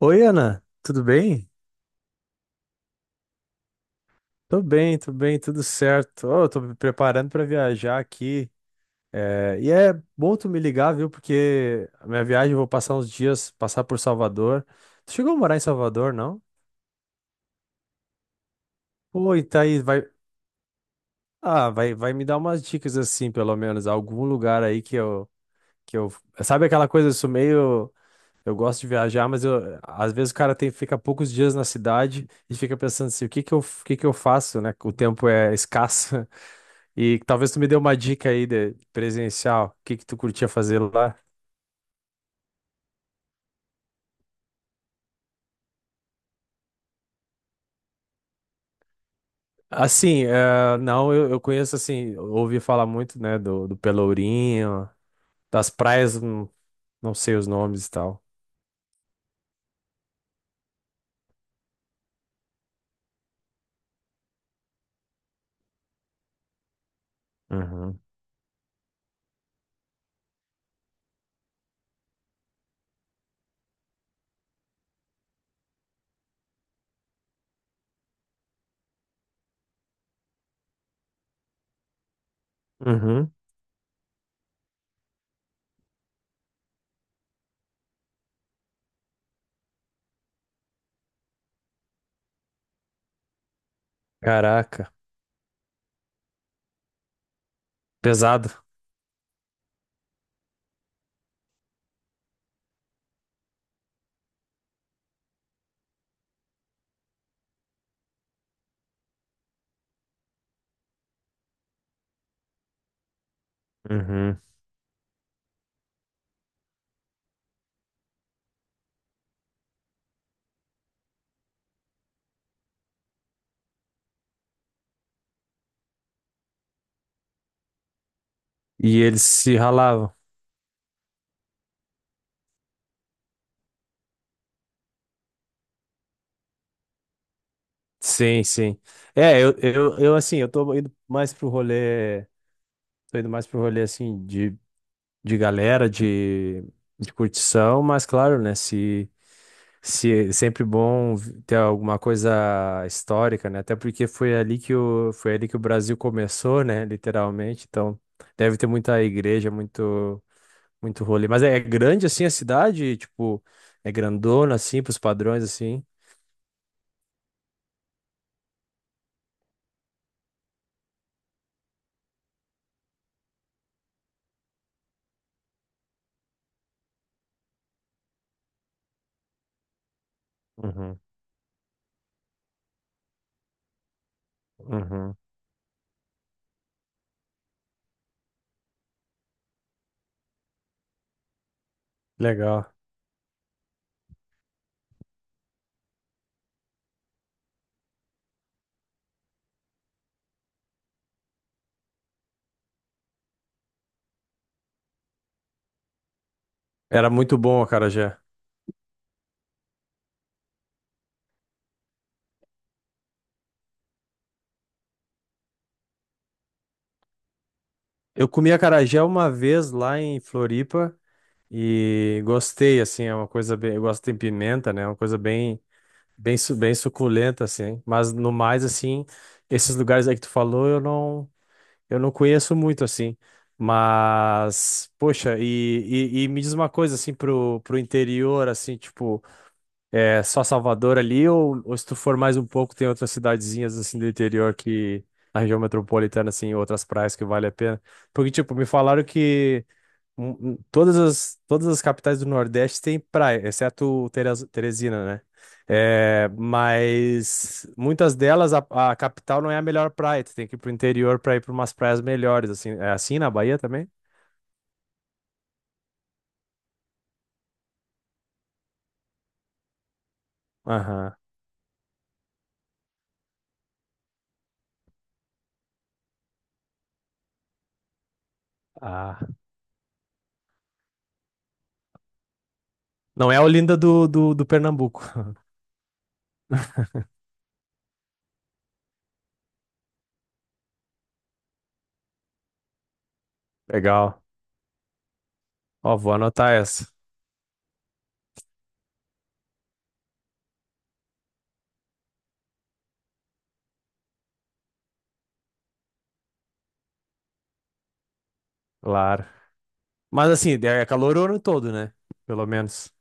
Oi, Ana, tudo bem? Tô bem, tô bem, tudo certo. Ó, eu tô me preparando pra viajar aqui. É, e é bom tu me ligar, viu? Porque a minha viagem eu vou passar uns dias, passar por Salvador. Tu chegou a morar em Salvador, não? Pô, e tá aí, vai. Ah, vai, vai me dar umas dicas assim, pelo menos, algum lugar aí que eu. Sabe aquela coisa, eu sou meio. Eu gosto de viajar, mas às vezes o cara tem, fica poucos dias na cidade e fica pensando assim, o que que eu faço, né? O tempo é escasso. E talvez tu me dê uma dica aí de presencial, o que que tu curtia fazer lá? Assim, não, eu conheço assim, ouvi falar muito, né, do Pelourinho, das praias, não, não sei os nomes e tal. Uhum. Uhum. Caraca, pesado. Uhum. E eles se ralavam. Sim, sim. É, eu assim, eu tô indo mais pro rolê, assim de galera, de curtição, mas claro, né? Se é sempre bom ter alguma coisa histórica, né? Até porque foi ali que o Brasil começou, né? Literalmente. Então, deve ter muita igreja, muito, muito rolê. Mas é grande assim a cidade, tipo, é grandona assim, pros padrões assim. Uhum, uhum. Legal. Era muito bom o acarajé. Eu comi acarajé uma vez lá em Floripa. E gostei, assim, é uma coisa bem. Eu gosto de pimenta, né? É uma coisa bem, bem, bem suculenta, assim. Mas no mais, assim, esses lugares aí que tu falou, eu não conheço muito, assim. Mas, poxa, e me diz uma coisa, assim, pro interior, assim, tipo, é só Salvador ali, ou se tu for mais um pouco, tem outras cidadezinhas, assim, do interior que. Na região metropolitana, assim, outras praias que vale a pena. Porque, tipo, me falaram que todas as capitais do Nordeste têm praia, exceto Teresina, né? É, mas muitas delas, a capital não é a melhor praia. Tu tem que ir pro interior pra ir pra umas praias melhores, assim. É assim na Bahia também? Aham. Ah. Não é a Olinda do Pernambuco. Legal. Ó, vou anotar essa. Claro. Mas assim, é calor o ano todo, né? Pelo menos.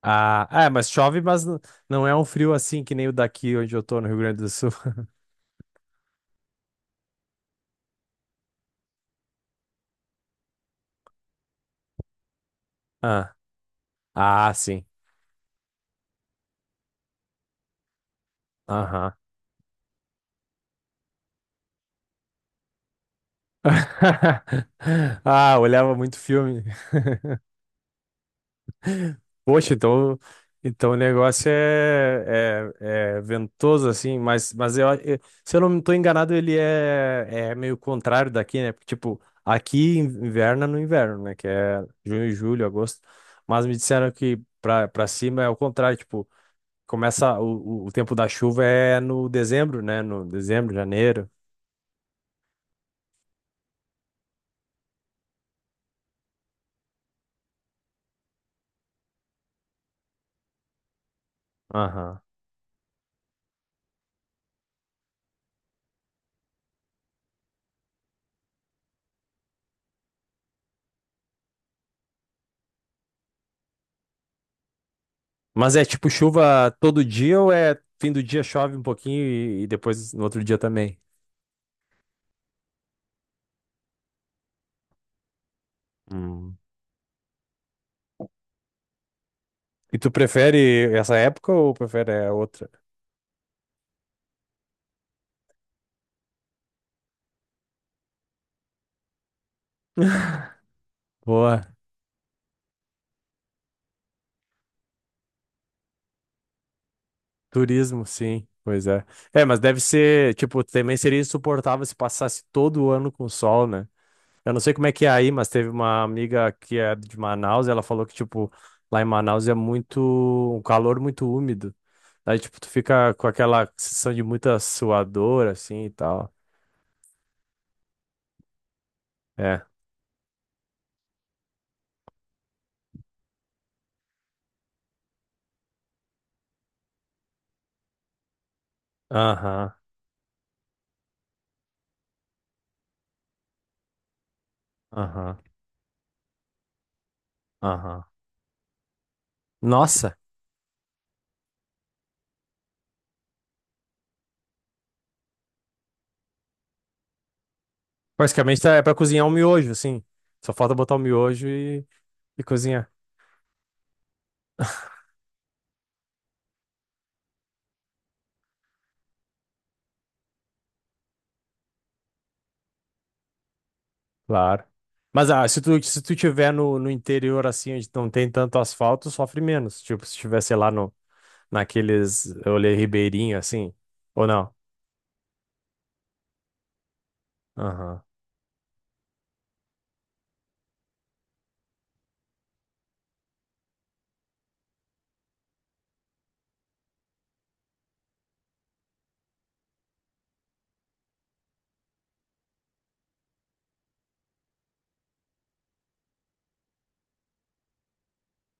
Ah, é, mas chove, mas não é um frio assim que nem o daqui onde eu tô, no Rio Grande do Sul. Ah. Ah, sim. Aham. Ah, olhava muito filme. Poxa, então, o negócio é ventoso, assim, se eu não estou enganado, ele é meio contrário daqui, né? Porque, tipo, aqui inverna no inverno, né? Que é junho, julho, agosto. Mas me disseram que pra cima é o contrário, tipo, começa o tempo da chuva é no dezembro, né? No dezembro, janeiro. Aham. Mas é tipo chuva todo dia ou é fim do dia chove um pouquinho e depois no outro dia também? Hum. E tu prefere essa época ou prefere a outra? Boa, turismo, sim, pois é. É, mas deve ser, tipo, também seria insuportável se passasse todo o ano com sol, né? Eu não sei como é que é aí, mas teve uma amiga que é de Manaus e ela falou que, tipo, lá em Manaus é muito, um calor muito úmido. Aí, tipo, tu fica com aquela sensação de muita suadora, assim, e tal. É. Aham. Aham, aham. Nossa, basicamente é pra cozinhar um miojo, assim. Só falta botar o miojo e cozinhar. Claro. Mas se tu tiver no interior, assim, onde não tem tanto asfalto, sofre menos. Tipo, se tiver, sei lá, no, naqueles olê ribeirinho, assim. Ou não? Aham.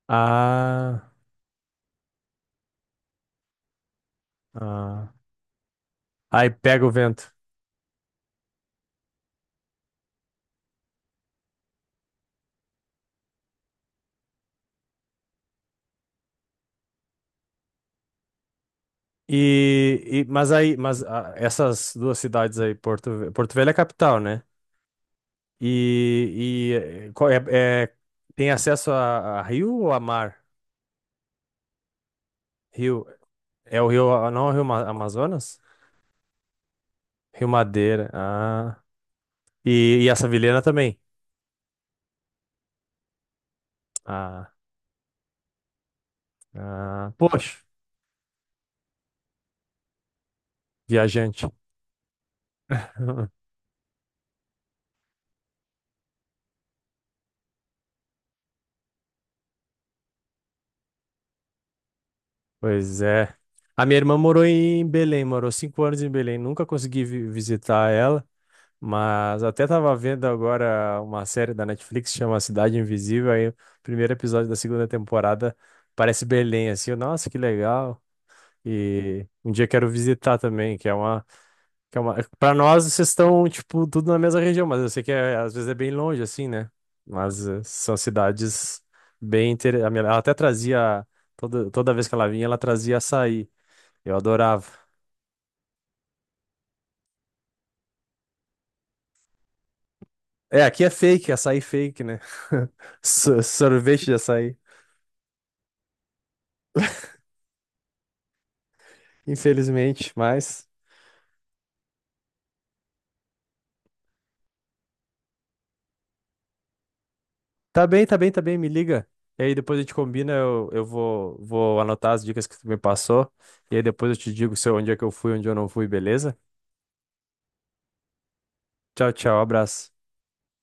Ah, ah. Aí pega o vento. Essas duas cidades aí, Porto Velho é a capital, né? E, e eh, qual é, é- tem acesso a rio ou a mar? Rio. É o rio, não é o rio Amazonas? Rio Madeira. Ah. E essa vilena também. Ah, ah, poxa, viajante. Pois é. A minha irmã morou em Belém, morou 5 anos em Belém. Nunca consegui visitar ela. Mas até tava vendo agora uma série da Netflix que chama Cidade Invisível, aí o primeiro episódio da segunda temporada parece Belém, assim, eu, nossa, que legal. E um dia quero visitar também. Para nós, vocês estão, tipo, tudo na mesma região, mas eu sei que às vezes é bem longe, assim, né? Mas são cidades bem interessantes. Ela até trazia, toda vez que ela vinha, ela trazia açaí. Eu adorava. É, aqui é fake, açaí fake, né? Sorvete de açaí. Infelizmente, mas. Tá bem, tá bem, tá bem, me liga. E aí depois a gente combina, eu vou anotar as dicas que tu me passou. E aí depois eu te digo se eu- onde é que eu fui, onde eu não fui, beleza? Tchau, tchau, abraço.